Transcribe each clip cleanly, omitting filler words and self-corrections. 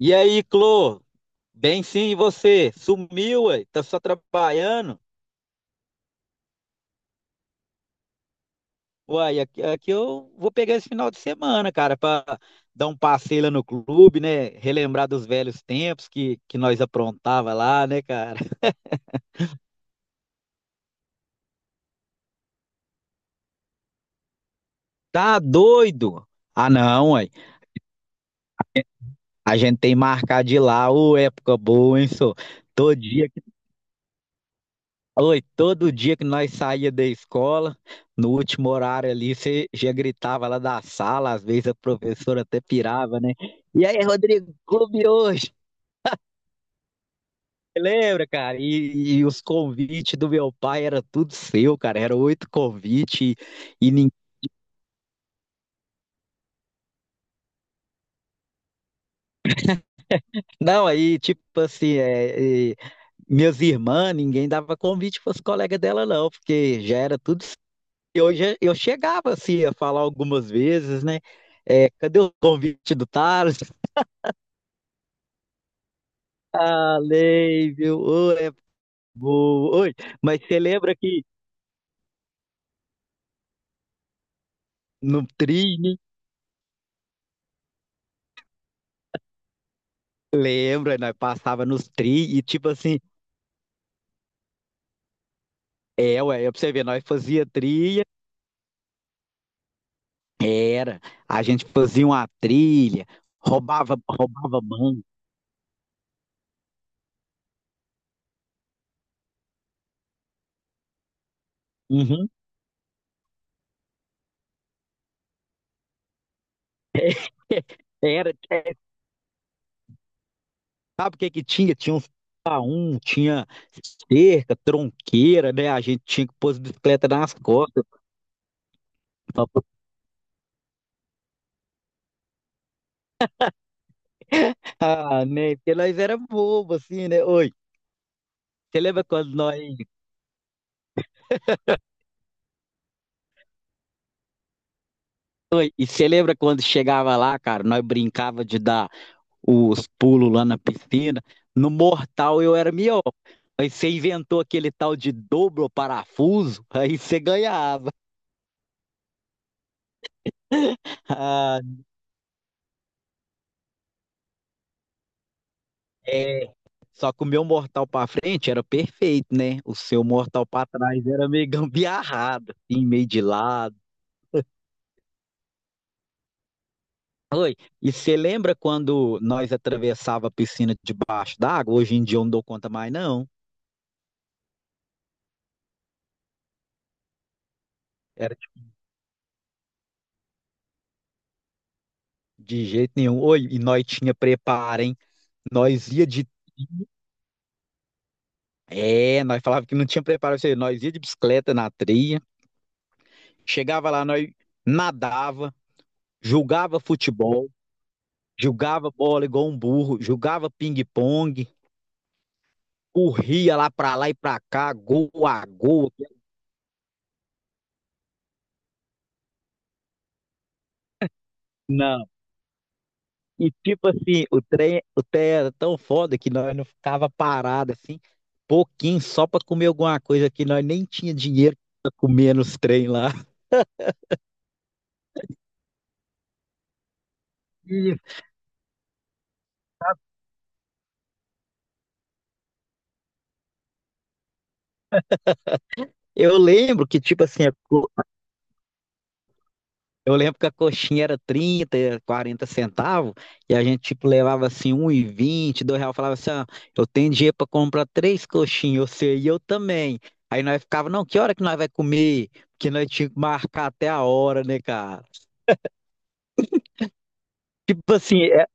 E aí, Clô? Bem, sim, e você? Sumiu, ué? Tá só trabalhando? Uai, aqui eu vou pegar esse final de semana, cara, pra dar um passeio lá no clube, né? Relembrar dos velhos tempos que nós aprontava lá, né, cara? Tá doido? Ah, não, ué. A gente tem marcado de ir lá, ô, época boa, hein, só? Oi, todo dia que nós saía da escola, no último horário ali, você já gritava lá da sala, às vezes a professora até pirava, né? E aí, Rodrigo, clube hoje? Lembra, cara? E os convites do meu pai era tudo seu, cara. Era 8 convites e, ninguém. Não, aí, tipo assim, minhas irmãs, ninguém dava convite para os colegas dela, não, porque já era tudo seu. Eu chegava assim a falar algumas vezes, né? É, cadê o convite do Thales? Falei, viu? Ô, é boa. Oi, mas você lembra que no trilho, lembra, nós passava nos tri e tipo assim, é, ué, é pra você ver, nós fazia trilha, era, a gente fazia uma trilha, roubava, roubava banco. Uhum. Era, é, sabe o que que tinha? Tinha uns paum, tinha cerca, tronqueira, né? A gente tinha que pôr as bicicletas nas costas. Ah, né? Porque nós era bobo, assim, né? Oi, você lembra quando nós E você lembra quando chegava lá, cara, nós brincava de dar os pulos lá na piscina. No mortal eu era melhor. Aí você inventou aquele tal de dobro parafuso, aí você ganhava. Ah, é. Só que o meu mortal pra frente era perfeito, né? O seu mortal pra trás era meio gambiarrado, assim, meio de lado. E você lembra quando nós atravessava a piscina debaixo d'água? Hoje em dia eu não dou conta mais, não. Era tipo, de jeito nenhum. Oi, e nós tinha preparo, hein? Nós ia de. É, nós falava que não tinha preparo, isso aí. Nós ia de bicicleta na trilha, chegava lá, nós nadava, jogava futebol, jogava bola igual um burro, jogava ping-pong, corria lá pra lá e pra cá, gol a gol. Não. E tipo assim, o trem era tão foda que nós não ficava parado assim, pouquinho só pra comer alguma coisa que nós nem tinha dinheiro pra comer nos trem lá. Isso. Eu lembro que, tipo assim, eu lembro que a coxinha era 30, 40 centavos, e a gente, tipo, levava assim 1,20, R$ 2, falava assim, ó, eu tenho dinheiro para comprar três coxinhas, você e eu também. Aí nós ficava, não, que hora que nós vai comer? Porque nós tínhamos que marcar até a hora, né, cara? Tipo assim, é,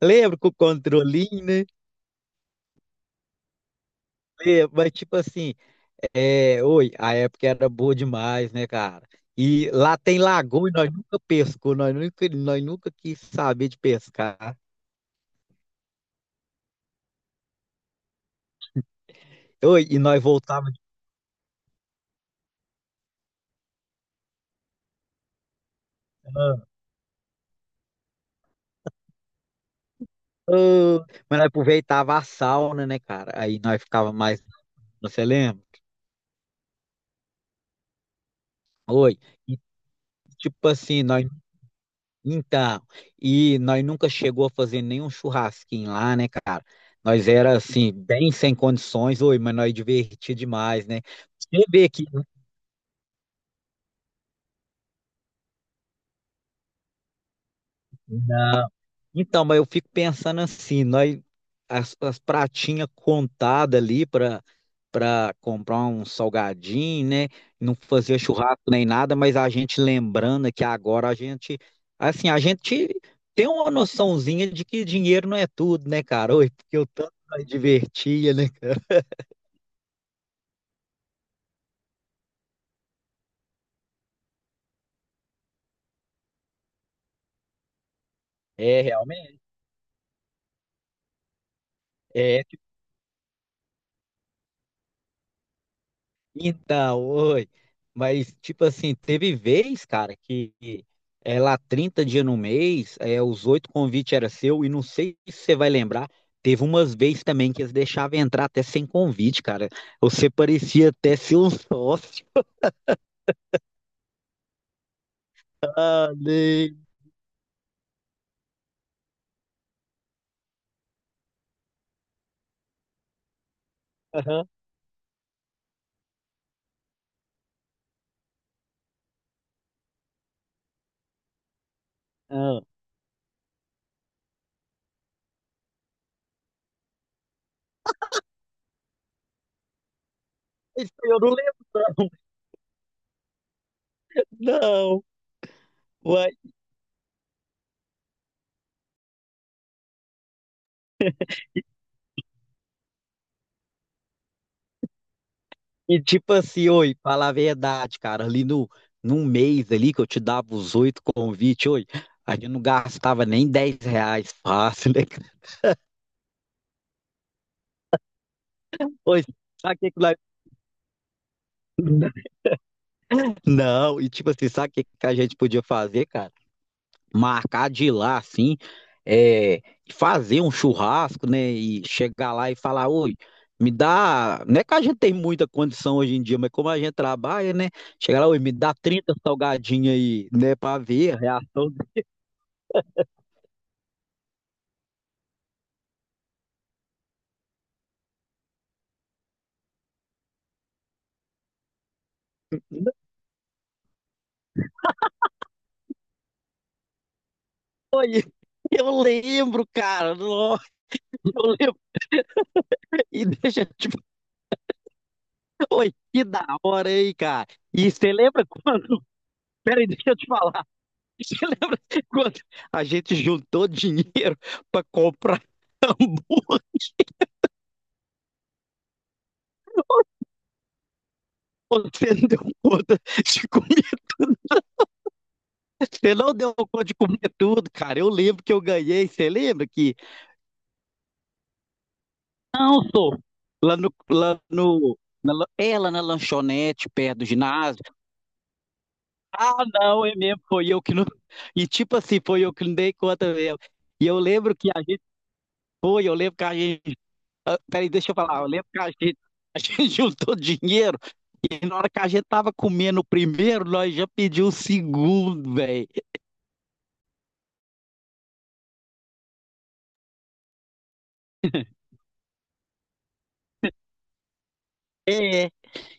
lembro com o controlinho, né? Lembro, mas tipo assim, é, oi, a época era boa demais, né, cara? E lá tem lagoa e nós nunca pescou, nós nunca quis saber de pescar. Oi, e nós voltávamos. Ô, mas nós aproveitava a sauna, né, cara? Aí nós ficava mais, você lembra? Oi. E, tipo assim, nós então, e nós nunca chegou a fazer nenhum churrasquinho lá, né, cara? Nós era assim, bem sem condições, oi, mas nós divertia demais, né? Você vê que. Então, mas eu fico pensando assim, nós as pratinhas contadas ali para comprar um salgadinho, né? Não fazia churrasco nem nada, mas a gente lembrando que agora a gente assim, a gente tem uma noçãozinha de que dinheiro não é tudo, né, cara? Oi, porque o tanto nós divertia, né, cara? É, realmente. Então, oi. Mas, tipo assim, teve vez, cara, que é, lá 30 dias no mês, é, os 8 convites era seu, e não sei se você vai lembrar, teve umas vezes também que eles deixavam entrar até sem convite, cara. Você parecia até ser um sócio. Falei, aham, aham. Isso eu não lembro, não. Uai. E tipo assim, oi, fala a verdade, cara, ali no, num mês ali que eu te dava os 8 convites, oi, a gente não gastava nem R$ 10 fácil, né. Pois, sabe o que que nós... Não, e tipo assim, sabe o que que a gente podia fazer, cara? Marcar de ir lá, assim, é, fazer um churrasco, né? E chegar lá e falar, oi, me dá. Não é que a gente tem muita condição hoje em dia, mas como a gente trabalha, né? Chegar lá, oi, me dá 30 salgadinhos aí, né? Pra ver a reação. Eu lembro, cara. Nossa, eu lembro. E deixa, tipo, oi, que da hora aí, cara. E você lembra quando? Peraí, deixa eu te falar. Você lembra quando a gente juntou dinheiro para comprar burro? Você não deu conta de comer tudo. Você não deu conta de comer tudo, cara. Eu lembro que eu ganhei. Você lembra que. Não sou. Lá no. Lá no na, lan- é, lá na lanchonete, perto do ginásio. Ah, não, é mesmo. Foi eu que não. E tipo assim, foi eu que não dei conta mesmo. E eu lembro que a gente. Foi, eu lembro que a gente. Ah, peraí, deixa eu falar. Eu lembro que a gente, a gente juntou dinheiro e na hora que a gente tava comendo o primeiro, nós já pedimos o segundo, velho. É. É.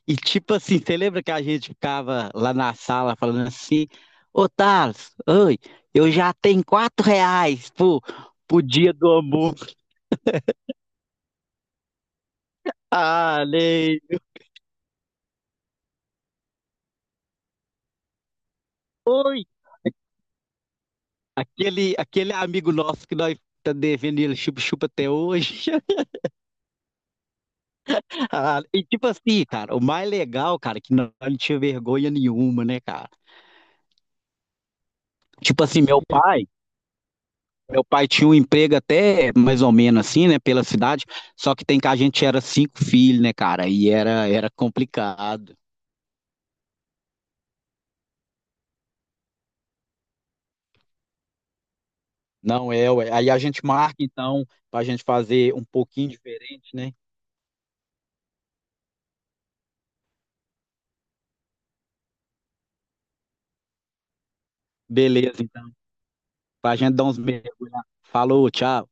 E tipo assim, você lembra que a gente ficava lá na sala falando assim: Ô Thales, oi, eu já tenho R$ 4 pro, dia do amor. Ah, lei. Oi. Aquele amigo nosso que nós tá devendo ele chupa-chupa até hoje. Ah, e tipo assim, cara, o mais legal, cara, é que não, não tinha vergonha nenhuma, né, cara? Tipo assim, meu pai tinha um emprego até mais ou menos assim, né, pela cidade, só que tem que a gente era cinco filhos, né, cara, e era complicado. Não é, ué. Aí a gente marca, então, pra gente fazer um pouquinho diferente, né? Beleza, então, pra gente dar uns mergulhos. Falou, tchau.